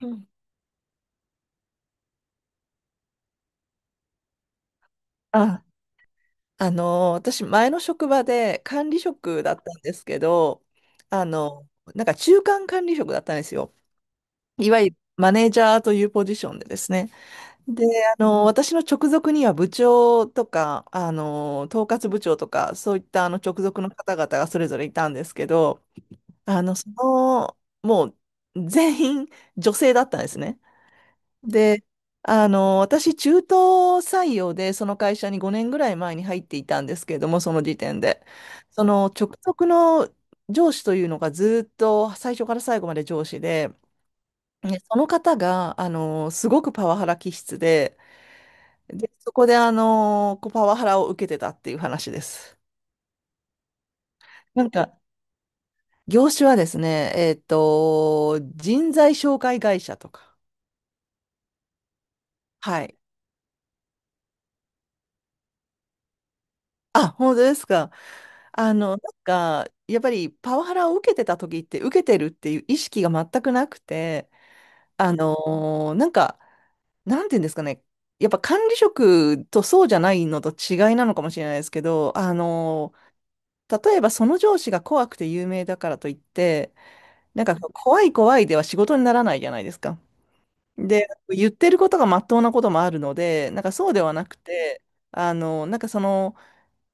うん。あ、あの私、前の職場で管理職だったんですけど、あの、なんか中間管理職だったんですよ。いわゆるマネージャーというポジションでですね。で、私の直属には部長とか、統括部長とか、そういった直属の方々がそれぞれいたんですけど、あの、その、もう全員女性だったんですね。で、私、中途採用で、その会社に5年ぐらい前に入っていたんですけれども、その時点で。その直属の上司というのがずっと最初から最後まで上司で、でその方が、すごくパワハラ気質で、で、そこで、こうパワハラを受けてたっていう話です。なんか、業種はですね、人材紹介会社とか。はい。あ、本当ですか？なんか、やっぱりパワハラを受けてた時って、受けてるっていう意識が全くなくて、あのなんか、なんていうんですかね、やっぱ管理職とそうじゃないのと違いなのかもしれないですけど、例えばその上司が怖くて有名だからといって、なんか怖い怖いでは仕事にならないじゃないですか。で、言ってることがまっとうなこともあるので、なんかそうではなくて、なんか、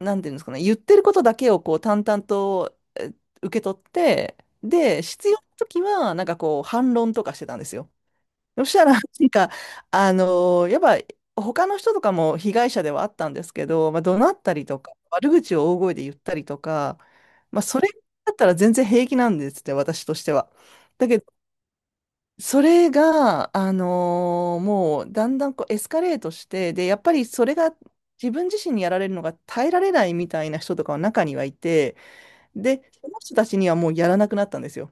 なんていうんですかね、言ってることだけをこう淡々と受け取って、で、必要な時は、なんかこう、反論とかしてたんですよ。そしたら、なんか、あのやっぱ、他の人とかも被害者ではあったんですけど、まあ、怒鳴ったりとか、悪口を大声で言ったりとか、まあ、それだったら全然平気なんですって、私としては。だけど、それが、もうだんだんこうエスカレートして、で、やっぱりそれが自分自身にやられるのが耐えられないみたいな人とかは中にはいて、で、その人たちにはもうやらなくなったんですよ。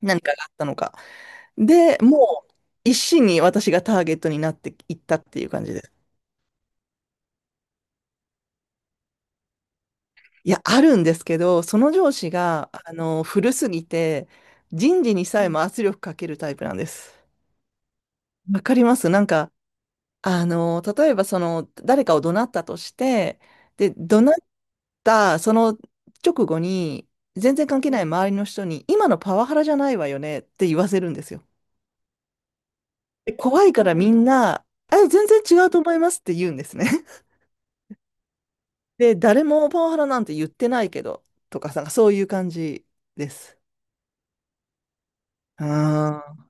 何かがあったのか。で、もう一心に私がターゲットになっていったっていう感じです。いや、あるんですけど、その上司が、古すぎて、人事にさえも圧力かけるタイプなんです。わかりますなんか、例えば誰かを怒鳴ったとして、で、怒鳴ったその直後に、全然関係ない周りの人に、今のパワハラじゃないわよねって言わせるんですよ。で怖いからみんな、え、全然違うと思いますって言うんですね。で、誰もパワハラなんて言ってないけど、とかなんかそういう感じです。ああ、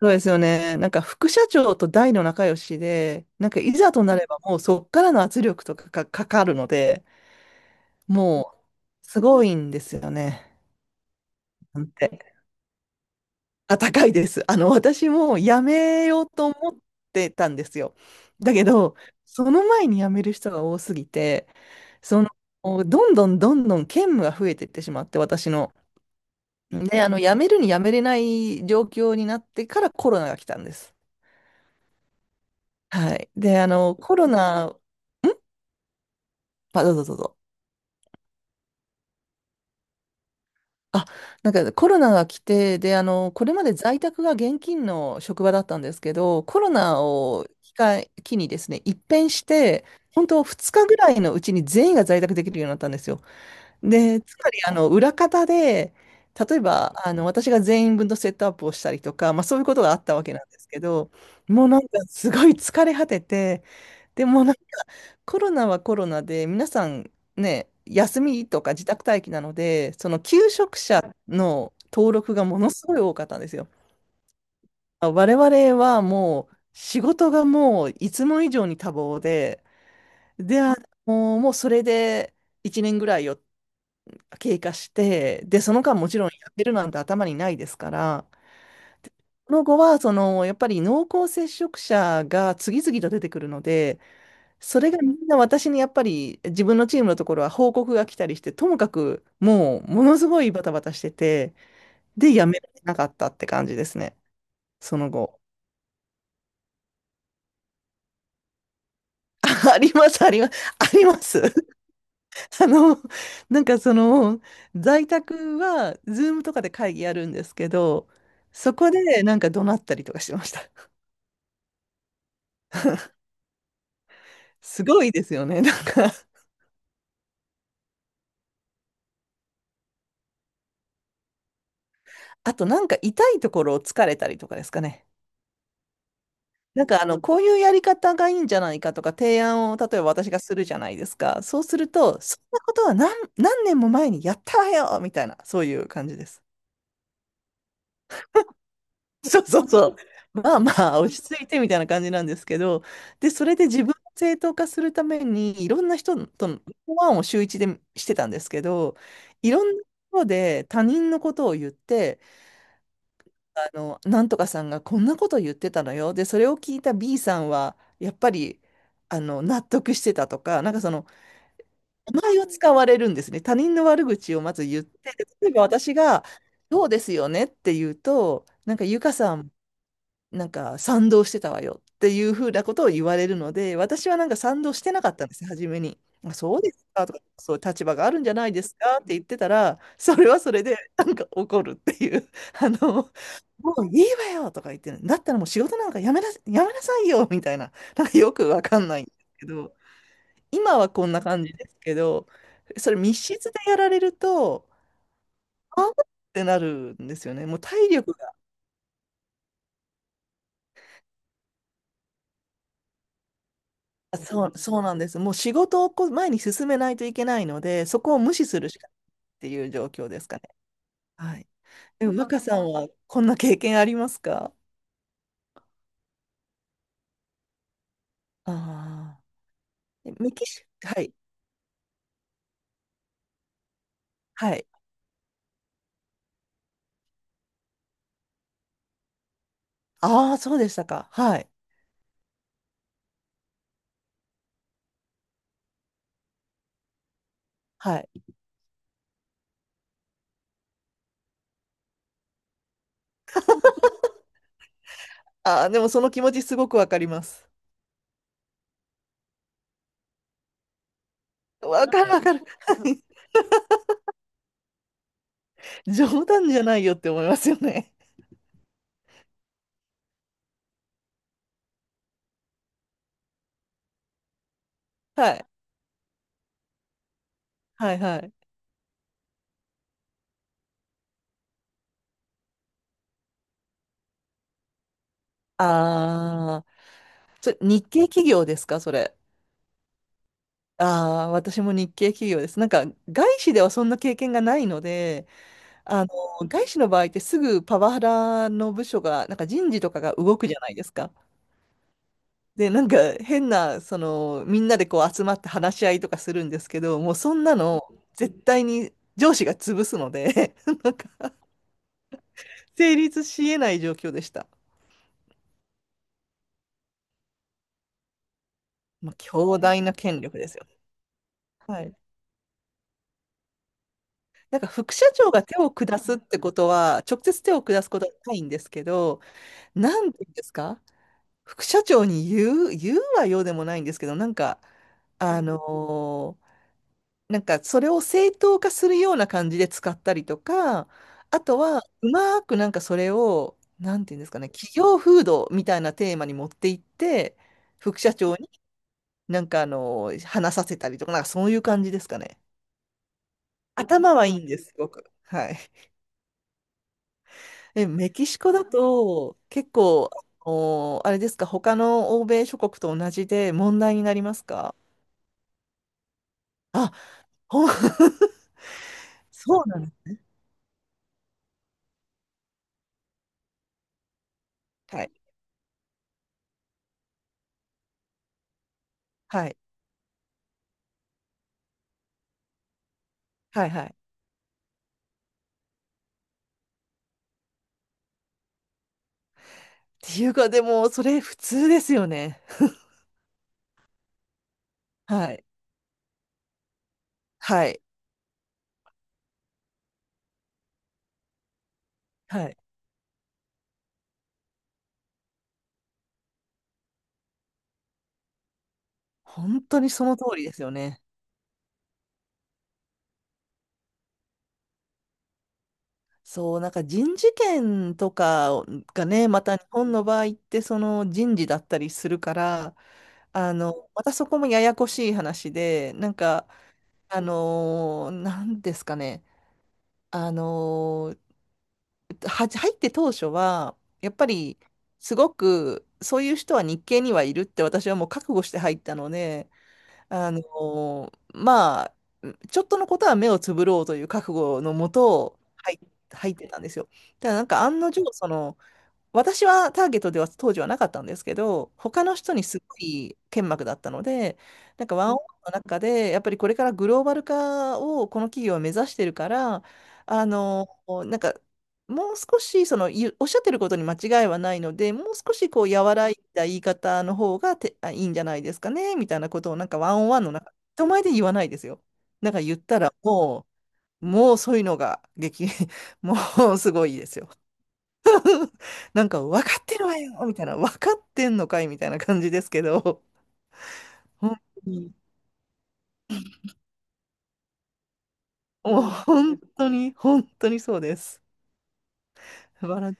そうですよね。なんか副社長と大の仲良しで、なんかいざとなればもうそっからの圧力とかがかかるので、もう、すごいんですよね。なんて。あ、高いです。私も辞めようと思ってたんですよ。だけど、その前に辞める人が多すぎて、その、どんどんどんどん兼務が増えていってしまって、私の。で、辞めるに辞めれない状況になってからコロナが来たんです。はい。で、コロナ、んあ、どうぞどうぞ。あ、なんかコロナが来て、で、これまで在宅が現金の職場だったんですけど、コロナを機にですね、一変して、本当2日ぐらいのうちに全員が在宅できるようになったんですよ。で、つまり、裏方で、例えば、私が全員分のセットアップをしたりとか、まあそういうことがあったわけなんですけど、もうなんかすごい疲れ果てて、でもうコロナはコロナで、皆さんね、休みとか自宅待機なので、その求職者の登録がものすごい多かったんですよ。我々はもう仕事がもういつも以上に多忙で、で、もうそれで1年ぐらいを経過して、で、その間もちろんやってるなんて頭にないですから、その後はやっぱり濃厚接触者が次々と出てくるので、それがみんな私にやっぱり自分のチームのところは報告が来たりして、ともかくもうものすごいバタバタしてて、で、やめられなかったって感じですね。その後。あります、あります、あります。あの、なんか、在宅は、ズームとかで会議やるんですけど、そこでなんか怒鳴ったりとかしてました。すごいですよね。なんか、あとなんか痛いところを疲れたりとかですかね。なんかこういうやり方がいいんじゃないかとか提案を例えば私がするじゃないですか。そうすると、そんなことは何年も前にやったわよみたいな、そういう感じです。そうそうそう。まあまあ、落ち着いてみたいな感じなんですけど、で、それで自分を正当化するために、いろんな人とのワンを週一でしてたんですけど、いろんなところで他人のことを言って、なんとかさんがこんなこと言ってたのよ。で、それを聞いた B さんは、やっぱり、納得してたとか、なんか、名前を使われるんですね。他人の悪口をまず言って、で例えば私が、そうですよねって言うと、なんか、ゆかさん、なんか、賛同してたわよっていうふうなことを言われるので、私はなんか賛同してなかったんです初めに。あそうですかとか、そう立場があるんじゃないですかって言ってたら、それはそれで、なんか怒るっていう、あの、もういいわよとか言ってる。だったらもう仕事なんかやめなさいよみたいな。なんかよくわかんないんですけど、今はこんな感じですけど、それ密室でやられると、あーってなるんですよね。もう体力が。あそう、そうなんです。もう仕事をこう前に進めないといけないので、そこを無視するしかないっていう状況ですかね。はい。でも、マカさんはこんな経験ありますか？ああー。メキシ、はい。はい。ああ、そうでしたか。はい。はい。ああ、でもその気持ちすごくわかります。わかるわかる。冗談じゃないよって思いますよね。はい。はいはい。ああ、それ日系企業ですか、それ？ああ、私も日系企業です。なんか、外資ではそんな経験がないので、あの、外資の場合ってすぐパワハラの部署が、なんか人事とかが動くじゃないですか。で、なんか変な、みんなでこう集まって話し合いとかするんですけど、もうそんなの絶対に上司が潰すので、成立し得ない状況でした。まあ、強大な権力ですよ。はい。なんか副社長が手を下すってことは、直接手を下すことはないんですけど、なんて言うんですか？副社長に言うはようでもないんですけど、なんか、あのーなんかそれを正当化するような感じで使ったりとか、あとは、うまくなんかそれを、なんていうんですかね、企業風土みたいなテーマに持っていって、副社長になんか話させたりとか、なんかそういう感じですかね。頭はいいんです、すごく。はい。え、メキシコだと、結構、あれですか、他の欧米諸国と同じで問題になりますか？あ、ほん そうなんです。はい。はい。はい。はい。っていうか、でも、それ普通ですよね。はい。はい。はい。本当にその通りですよね。そう、なんか人事権とかがね、また日本の場合ってその人事だったりするから、またそこもややこしい話で、なんか、なんですかね、あのーは、入って当初は、やっぱり、すごく、そういう人は日系にはいるって私はもう覚悟して入ったので、まあ、ちょっとのことは目をつぶろうという覚悟のもと、入ってたんですよ。ただなんか案の定、私はターゲットでは当時はなかったんですけど、他の人にすごい剣幕だったので、なんかワンオンワンの中で、やっぱりこれからグローバル化をこの企業は目指してるから、あの、なんか、もう少しおっしゃってることに間違いはないので、もう少しこう、和らいだ言い方の方がて、あ、いいんじゃないですかね、みたいなことを、なんかワンオンワンの中、人前で言わないですよ。なんか言ったら、もうそういうのがもうすごいですよ。なんか、分かってるわよみたいな、分かってんのかいみたいな感じですけど、本当に、もう本当に、本当にそうです。バラン